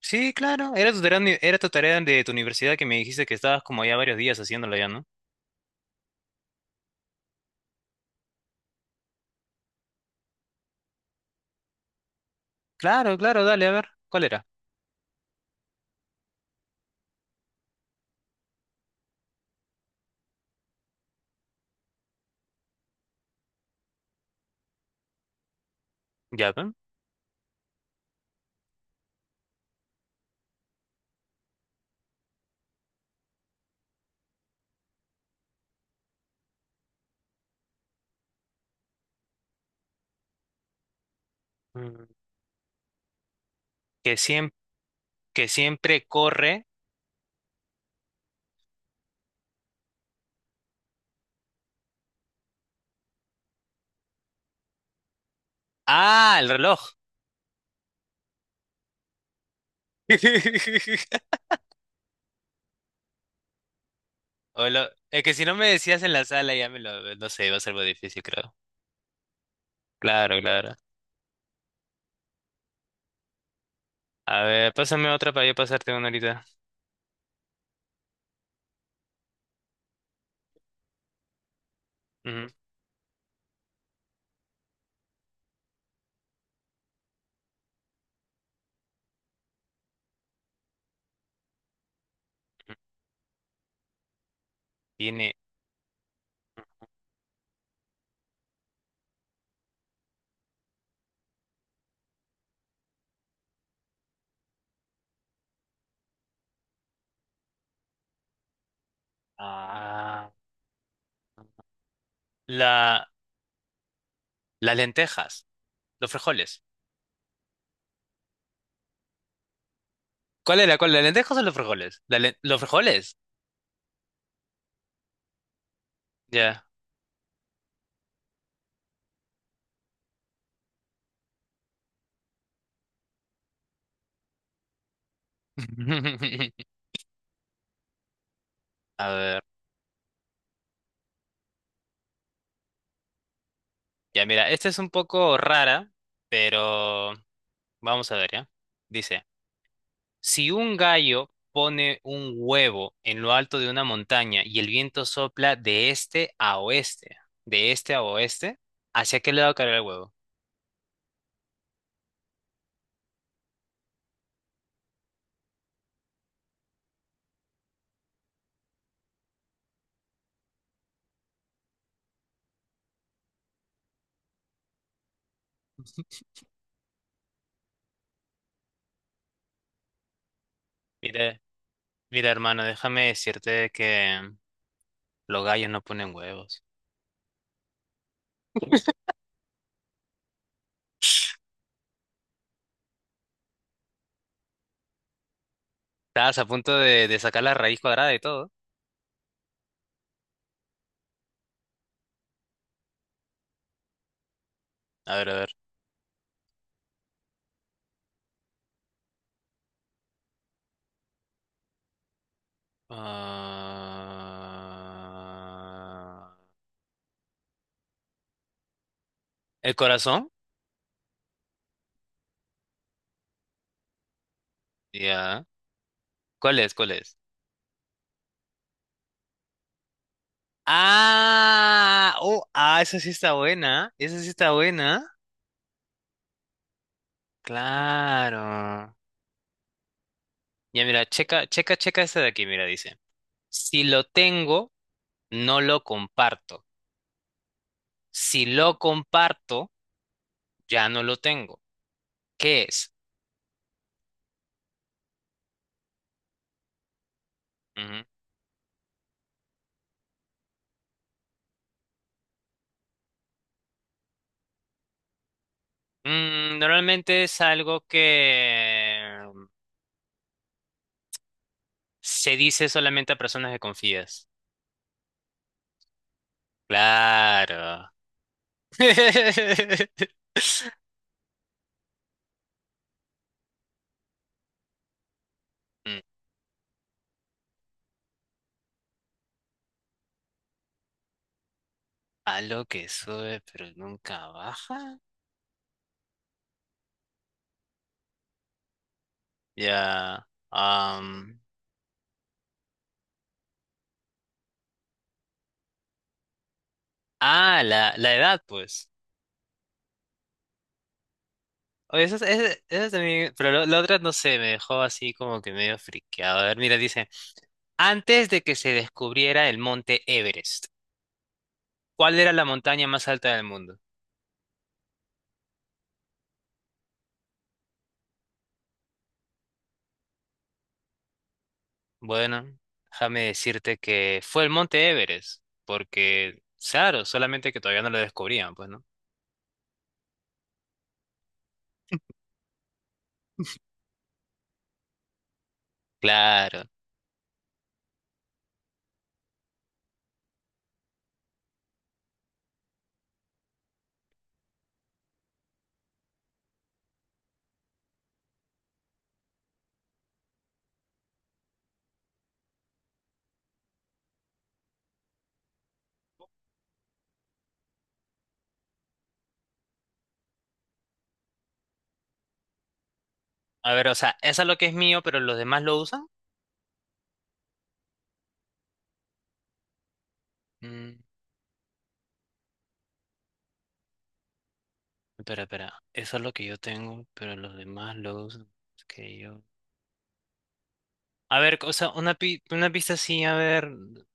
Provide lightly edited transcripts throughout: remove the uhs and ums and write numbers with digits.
Sí, claro, era tu tarea, era tu tarea de tu universidad que me dijiste que estabas como ya varios días haciéndola ya, ¿no? Claro, claro, dale, a ver, ¿cuál era? Ya, ¿ven? Mm. Que siempre, que siempre corre. Ah, el reloj. Es que si no me decías en la sala ya me lo, no sé, iba a ser algo difícil, creo. Claro, claro. A ver, pásame otra para yo pasarte una ahorita. Ujú. Tiene ah, la, las lentejas, los frijoles. ¿Cuál era? ¿Cuál? ¿Las lentejas o los frijoles? ¿Los frijoles? Ya. A ver, ya mira, esta es un poco rara, pero vamos a ver, ¿ya? Dice, si un gallo pone un huevo en lo alto de una montaña y el viento sopla de este a oeste, de este a oeste, ¿hacia qué lado caerá el huevo? Mira, mira, hermano, déjame decirte que los gallos no ponen huevos. Estabas a punto de sacar la raíz cuadrada y todo. A ver, a ver. Ah, ¿el corazón? Ya. ¿Cuál es? ¿Cuál es? Ah, oh, ah, esa sí está buena. Esa sí está buena. Claro. Ya mira, checa, checa, checa esta de aquí, mira, dice. Si lo tengo, no lo comparto. Si lo comparto, ya no lo tengo. ¿Qué es? Ujú. Mm, normalmente es algo que se dice solamente a personas que confías. Claro. Mm. A lo que sube pero nunca baja. Ya. Ah, la edad, pues. Oye, eso, eso también. Pero la otra no sé, me dejó así como que medio friqueado. A ver, mira, dice: antes de que se descubriera el monte Everest, ¿cuál era la montaña más alta del mundo? Bueno, déjame decirte que fue el monte Everest. Porque, claro, solamente que todavía no lo descubrían, pues, ¿no? Claro. A ver, o sea, esa es lo que es mío, pero los demás lo usan. Mm. Espera, espera. Eso es lo que yo tengo, pero los demás los que yo. A ver, o sea, una pista así, a ver,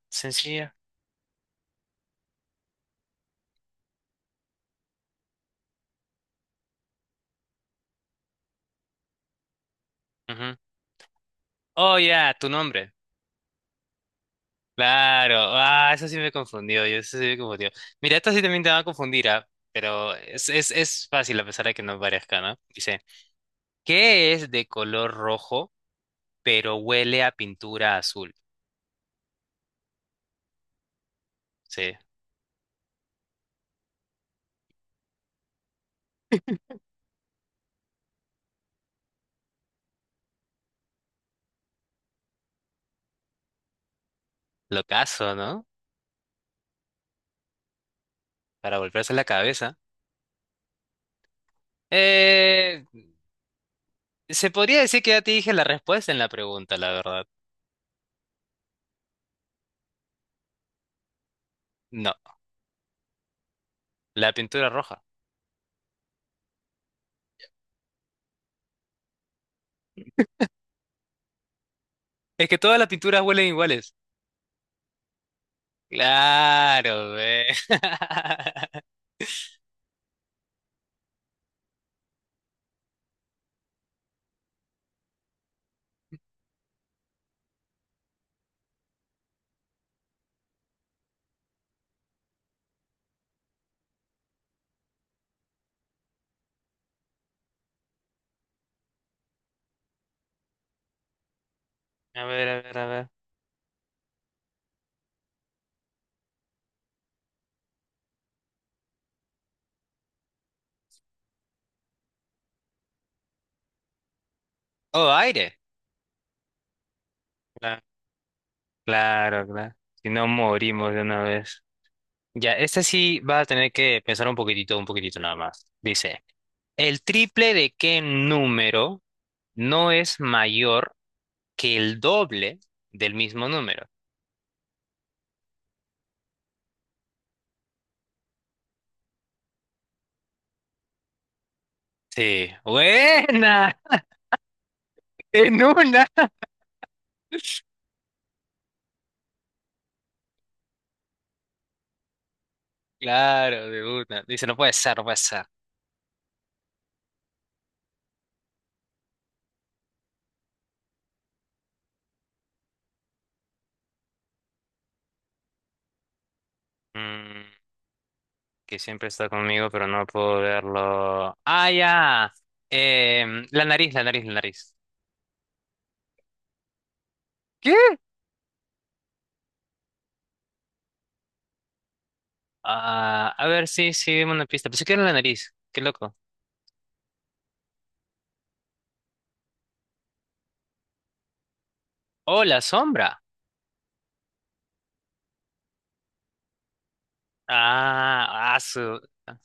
sencilla. Ujú. Oh, ya, tu nombre. Claro. Ah, eso sí me confundió. Yo eso sí me confundió. Mira, esto sí también te va a confundir, ¿ah? Pero es fácil a pesar de que no parezca, ¿no? Dice, ¿qué es de color rojo, pero huele a pintura azul? Sí. Lo caso, ¿no? Para volverse la cabeza. Eh. Se podría decir que ya te dije la respuesta en la pregunta, la verdad. No, la pintura roja. Es que todas las pinturas huelen iguales. Claro, ve. A ver, a ver, a ver. Oh, aire. Cla- Claro, claro. Si no morimos de una vez. Ya, esta sí va a tener que pensar un poquitito nada más. Dice, ¿el triple de qué número no es mayor que el doble del mismo número? Sí, buena, en una. Claro, de una. Dice, no puede ser, no puede ser. Mm, que siempre está conmigo, pero no puedo verlo. Ah, ya. La nariz, la nariz, la nariz. ¿Qué? Ah, a ver, sí, sí, dime una pista. Pensé que era la nariz. Qué loco. Oh, la sombra. Ah, ah, su. ah,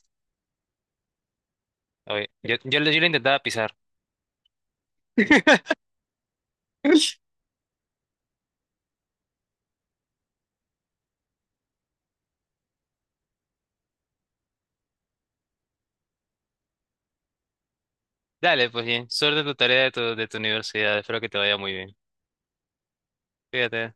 Oye, yo lo intentaba pisar. Dale, pues bien. Suerte en tu tarea de de tu universidad. Espero que te vaya muy bien. Fíjate.